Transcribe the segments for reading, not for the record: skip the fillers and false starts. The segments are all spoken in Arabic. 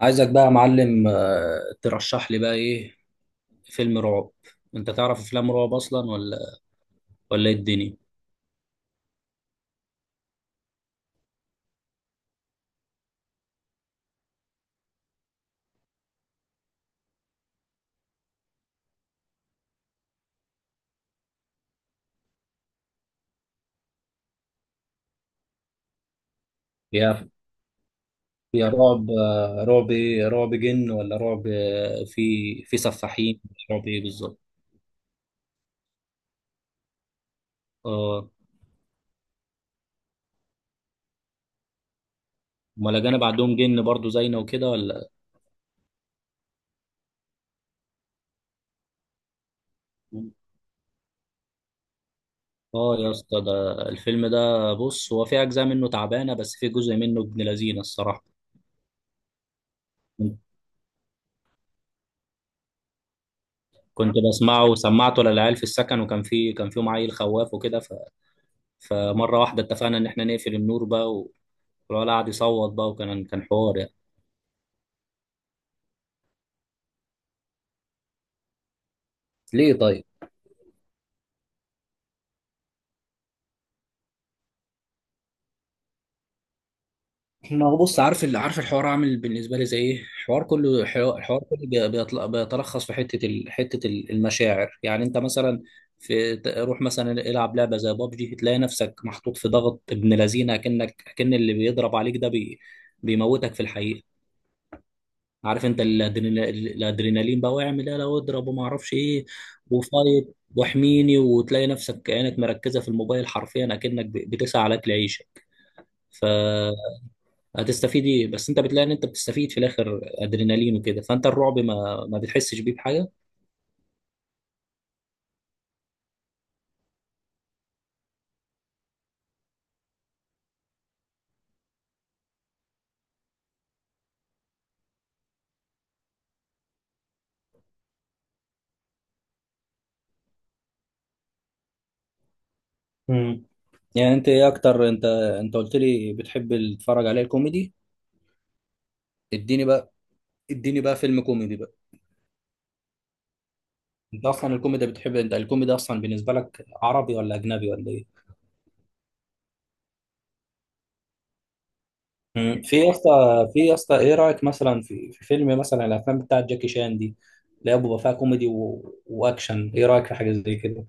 عايزك بقى يا معلم، ترشح لي بقى ايه فيلم رعب. انت تعرف افلام رعب اصلا، ولا ايه الدنيا؟ يا يا رعب! رعب ايه؟ رعب جن ولا رعب في سفاحين؟ رعب ايه بالظبط؟ اه. امال الاجانب عندهم جن برضو زينا وكده ولا؟ اه يا اسطى ده. الفيلم ده بص، هو في اجزاء منه تعبانه بس في جزء منه ابن لذينه الصراحه. كنت بسمعه وسمعته للعيال في السكن، وكان في كان فيهم عيل خواف وكده. فمره واحده اتفقنا ان احنا نقفل النور بقى والولد قعد يصوت بقى، وكان كان حوار يعني. ليه طيب؟ ما هو بص، عارف اللي عارف الحوار عامل بالنسبه لي زي ايه؟ الحوار كله حو- الحوار كله بي- بيطل- بيتلخص في حته المشاعر. يعني انت مثلا روح مثلا العب لعبه زي بابجي، تلاقي نفسك محطوط في ضغط ابن لذينه، كأن اللي بيضرب عليك ده بيموتك في الحقيقه. عارف انت الادرينالين بقى، واعمل ايه لو اضرب وما اعرفش ايه، وفايت واحميني، وتلاقي نفسك عينك مركزه في الموبايل حرفيا اكنك بتسعى على اكل عيشك. فهتستفيد ايه؟ بس انت بتلاقي ان انت بتستفيد في الاخر ادرينالين وكده. فانت الرعب ما بتحسش بيه بحاجه. مم. يعني انت ايه اكتر؟ انت قلت لي بتحب تتفرج عليه الكوميدي. اديني بقى، اديني بقى فيلم كوميدي بقى. انت اصلا الكوميدي بتحب، انت الكوميدي اصلا بالنسبه لك عربي ولا اجنبي ولا ايه؟ مم. في يا اسطى، ايه رايك مثلا في فيلم، مثلا الافلام بتاعت جاكي شان دي اللي هي بيبقى فيها كوميدي واكشن. ايه رايك في حاجه زي كده؟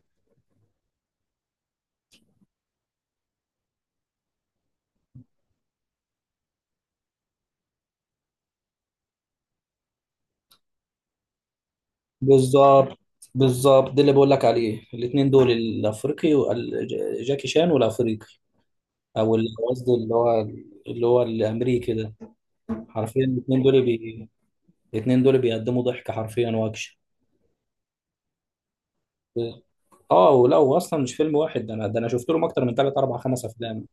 بالظبط، بالظبط، ده اللي بقول لك عليه الاثنين دول، الافريقي جاكي شان والافريقي. قصدي اللي هو الامريكي ده. حرفيا الاثنين دول بيقدموا ضحك حرفيا واكشن. اه، ولو اصلا مش فيلم واحد ده، انا شفت لهم اكتر من ثلاث اربع خمس افلام.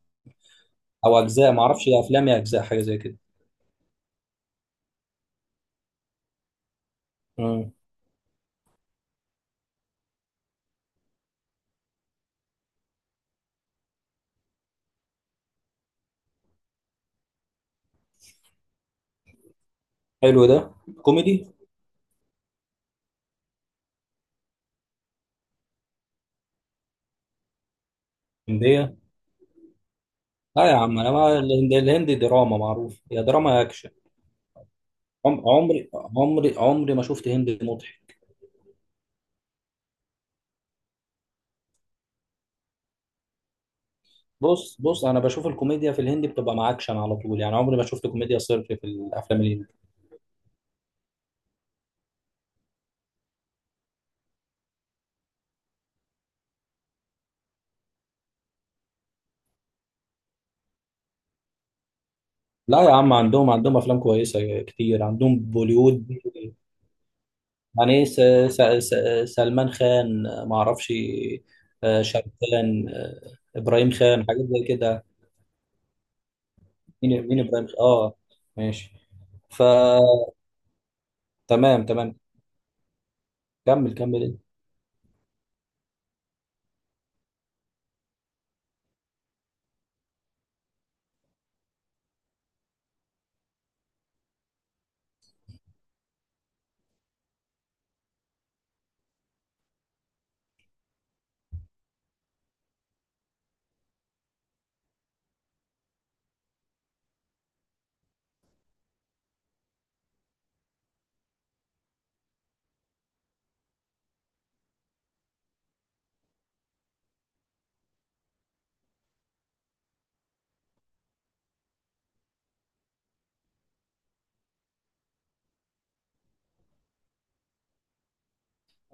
او اجزاء ما اعرفش، افلام يا اجزاء حاجه زي كده. مم. حلو ده كوميدي. هندية. لا يا عم، انا ما الهندي دراما معروف، يا دراما يا اكشن. عم- عمري عمري ما شفت هندي مضحك. بص بص، انا بشوف الكوميديا في الهندي بتبقى مع اكشن على طول، يعني عمري ما شفت كوميديا صرف في الافلام الهندي. لا يا عم، عندهم افلام كويسة كتير، عندهم بوليود. يعني إيه؟ س- سلمان خان، ما اعرفش، شاروخان، ابراهيم خان، حاجات زي كده. مين ابراهيم خان؟ اه ماشي. ف تمام تمام، كمل كمل انت.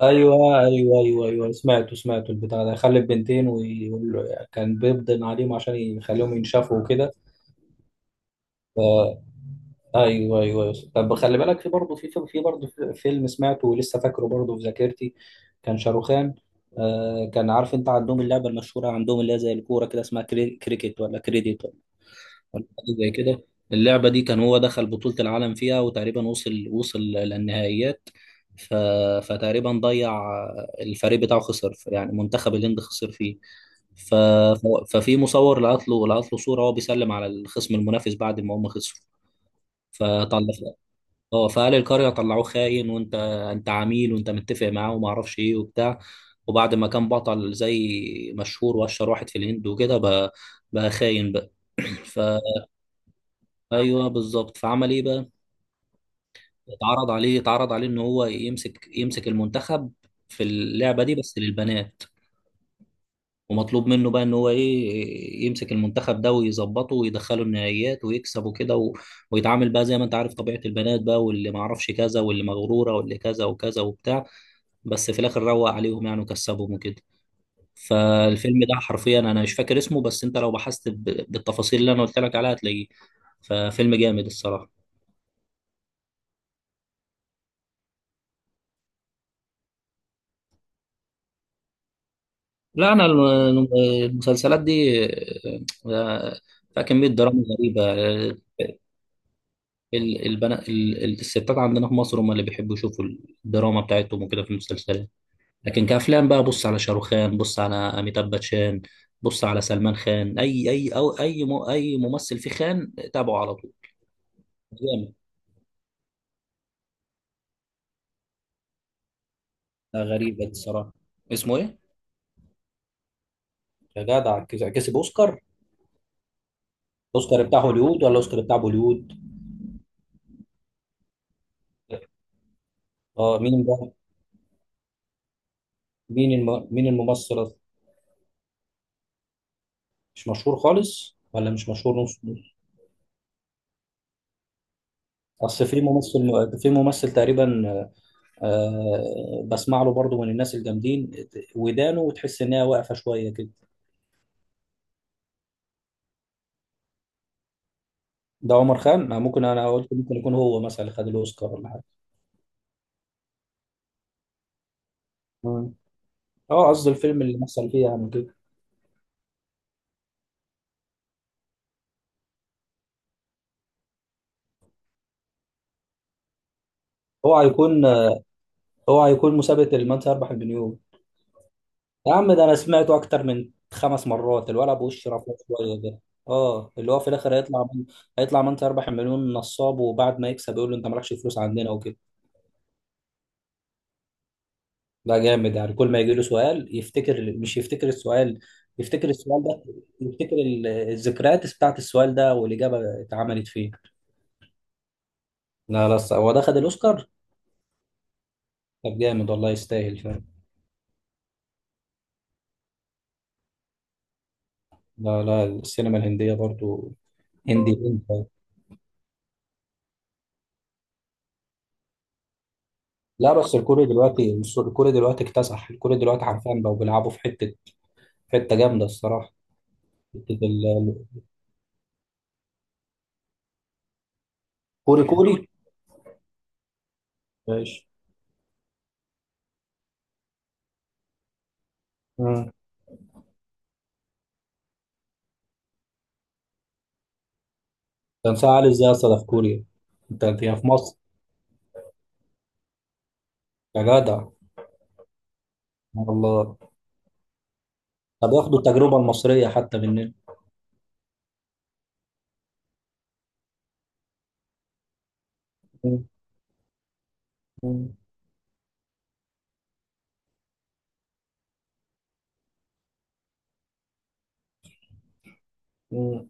ايوه ايوه ايوه ايوه، سمعته سمعته البتاع ده خلف بنتين، وكان بيبدن عليهم عشان يخليهم ينشفوا وكده. ايوه ايوه ايوه. طب خلي بالك، فيلم سمعته ولسه فاكره برضه في ذاكرتي. كان شاروخان. آه كان عارف انت عندهم اللعبه المشهوره، عندهم اللي هي زي الكوره كده، اسمها كريكت ولا كريديت ولا حاجة زي كده. اللعبة دي كان هو دخل بطولة العالم فيها، وتقريبا وصل للنهائيات. ف... فتقريبا ضيع، الفريق بتاعه خسر، يعني منتخب الهند خسر فيه. ففي مصور لقط له صورة وهو بيسلم على الخصم المنافس بعد ما هم خسروا. فطلع، اه، فقال القرية طلعوه خاين، وانت عميل وانت متفق معاه وما اعرفش ايه وبتاع. وبعد ما كان بطل زي مشهور، واشهر واحد في الهند وكده، بقى خاين بقى. ايوه بالظبط. فعمل ايه بقى؟ اتعرض عليه ان هو يمسك المنتخب في اللعبه دي بس للبنات. ومطلوب منه بقى ان هو ايه، يمسك المنتخب ده ويظبطه ويدخله النهائيات ويكسب وكده، ويتعامل بقى زي ما انت عارف طبيعه البنات بقى، واللي ما اعرفش كذا، واللي مغروره، واللي كذا وكذا وبتاع. بس في الاخر روق عليهم يعني وكسبهم وكده. فالفيلم ده حرفيا انا مش فاكر اسمه، بس انت لو بحثت بالتفاصيل اللي انا قلت لك عليها هتلاقيه. ففيلم جامد الصراحه. لا انا المسلسلات دي آه، فيها كميه دراما غريبه. آه، الستات عندنا في مصر هم اللي بيحبوا يشوفوا الدراما بتاعتهم وكده في المسلسلات. لكن كافلام بقى، بص على شاروخان، بص على اميتاب باتشان، بص على سلمان خان، اي اي او اي م- اي ممثل في خان تابعه على طول. جامد. غريبه دي الصراحه. اسمه ايه؟ يا جدع، كسب اوسكار! اوسكار بتاع هوليوود ولا اوسكار بتاع بوليوود؟ اه مين ده؟ مين الممثل؟ مش مشهور خالص ولا مش مشهور نص نص؟ اصل في ممثل تقريبا، بسمع له برضو من الناس الجامدين ودانه، وتحس ان هي واقفه شويه كده. ده عمر خان؟ ما ممكن، انا قلت ممكن يكون هو مثلا اللي خد الاوسكار ولا حاجه. مم. اه قصدي الفيلم اللي مثل فيه يعني كده. هو هيكون هو هيكون مسابقه من سيربح المليون؟ يا عم ده انا سمعته اكتر من خمس مرات، الولد بوش رفيع شويه ده. اه اللي هو في الاخر هيطلع من سيربح المليون نصاب، وبعد ما يكسب يقول له انت مالكش فلوس عندنا وكده. ده جامد، يعني كل ما يجي له سؤال يفتكر، مش يفتكر السؤال، يفتكر السؤال ده، يفتكر الذكريات بتاعت السؤال ده، والإجابة اتعملت فيه. لا، لا، هو ده خد الأوسكار. طب جامد والله، يستاهل فعلا. لا، لا، السينما الهندية برضو. هندي هندي. لا بس، الكوري دلوقتي الكوري دلوقتي اكتسح، الكوري دلوقتي حرفيا بقوا بيلعبوا في حتة، حتة جامدة الصراحة. حتة ال- الكوري ماشي. مم. كان ساعة علي ازاي أصلا في كوريا؟ انت في مصر. يا جدع والله. طب ياخدوا التجربة المصرية حتى مننا. مم. مم. مم.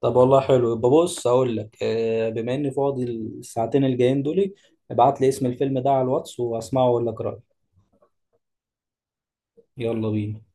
طب والله حلو يبقى. بص اقول لك، بما اني فاضي الساعتين الجايين دول، ابعت لي اسم الفيلم ده على الواتس واسمعه واقول لك رأيي. يلا بينا.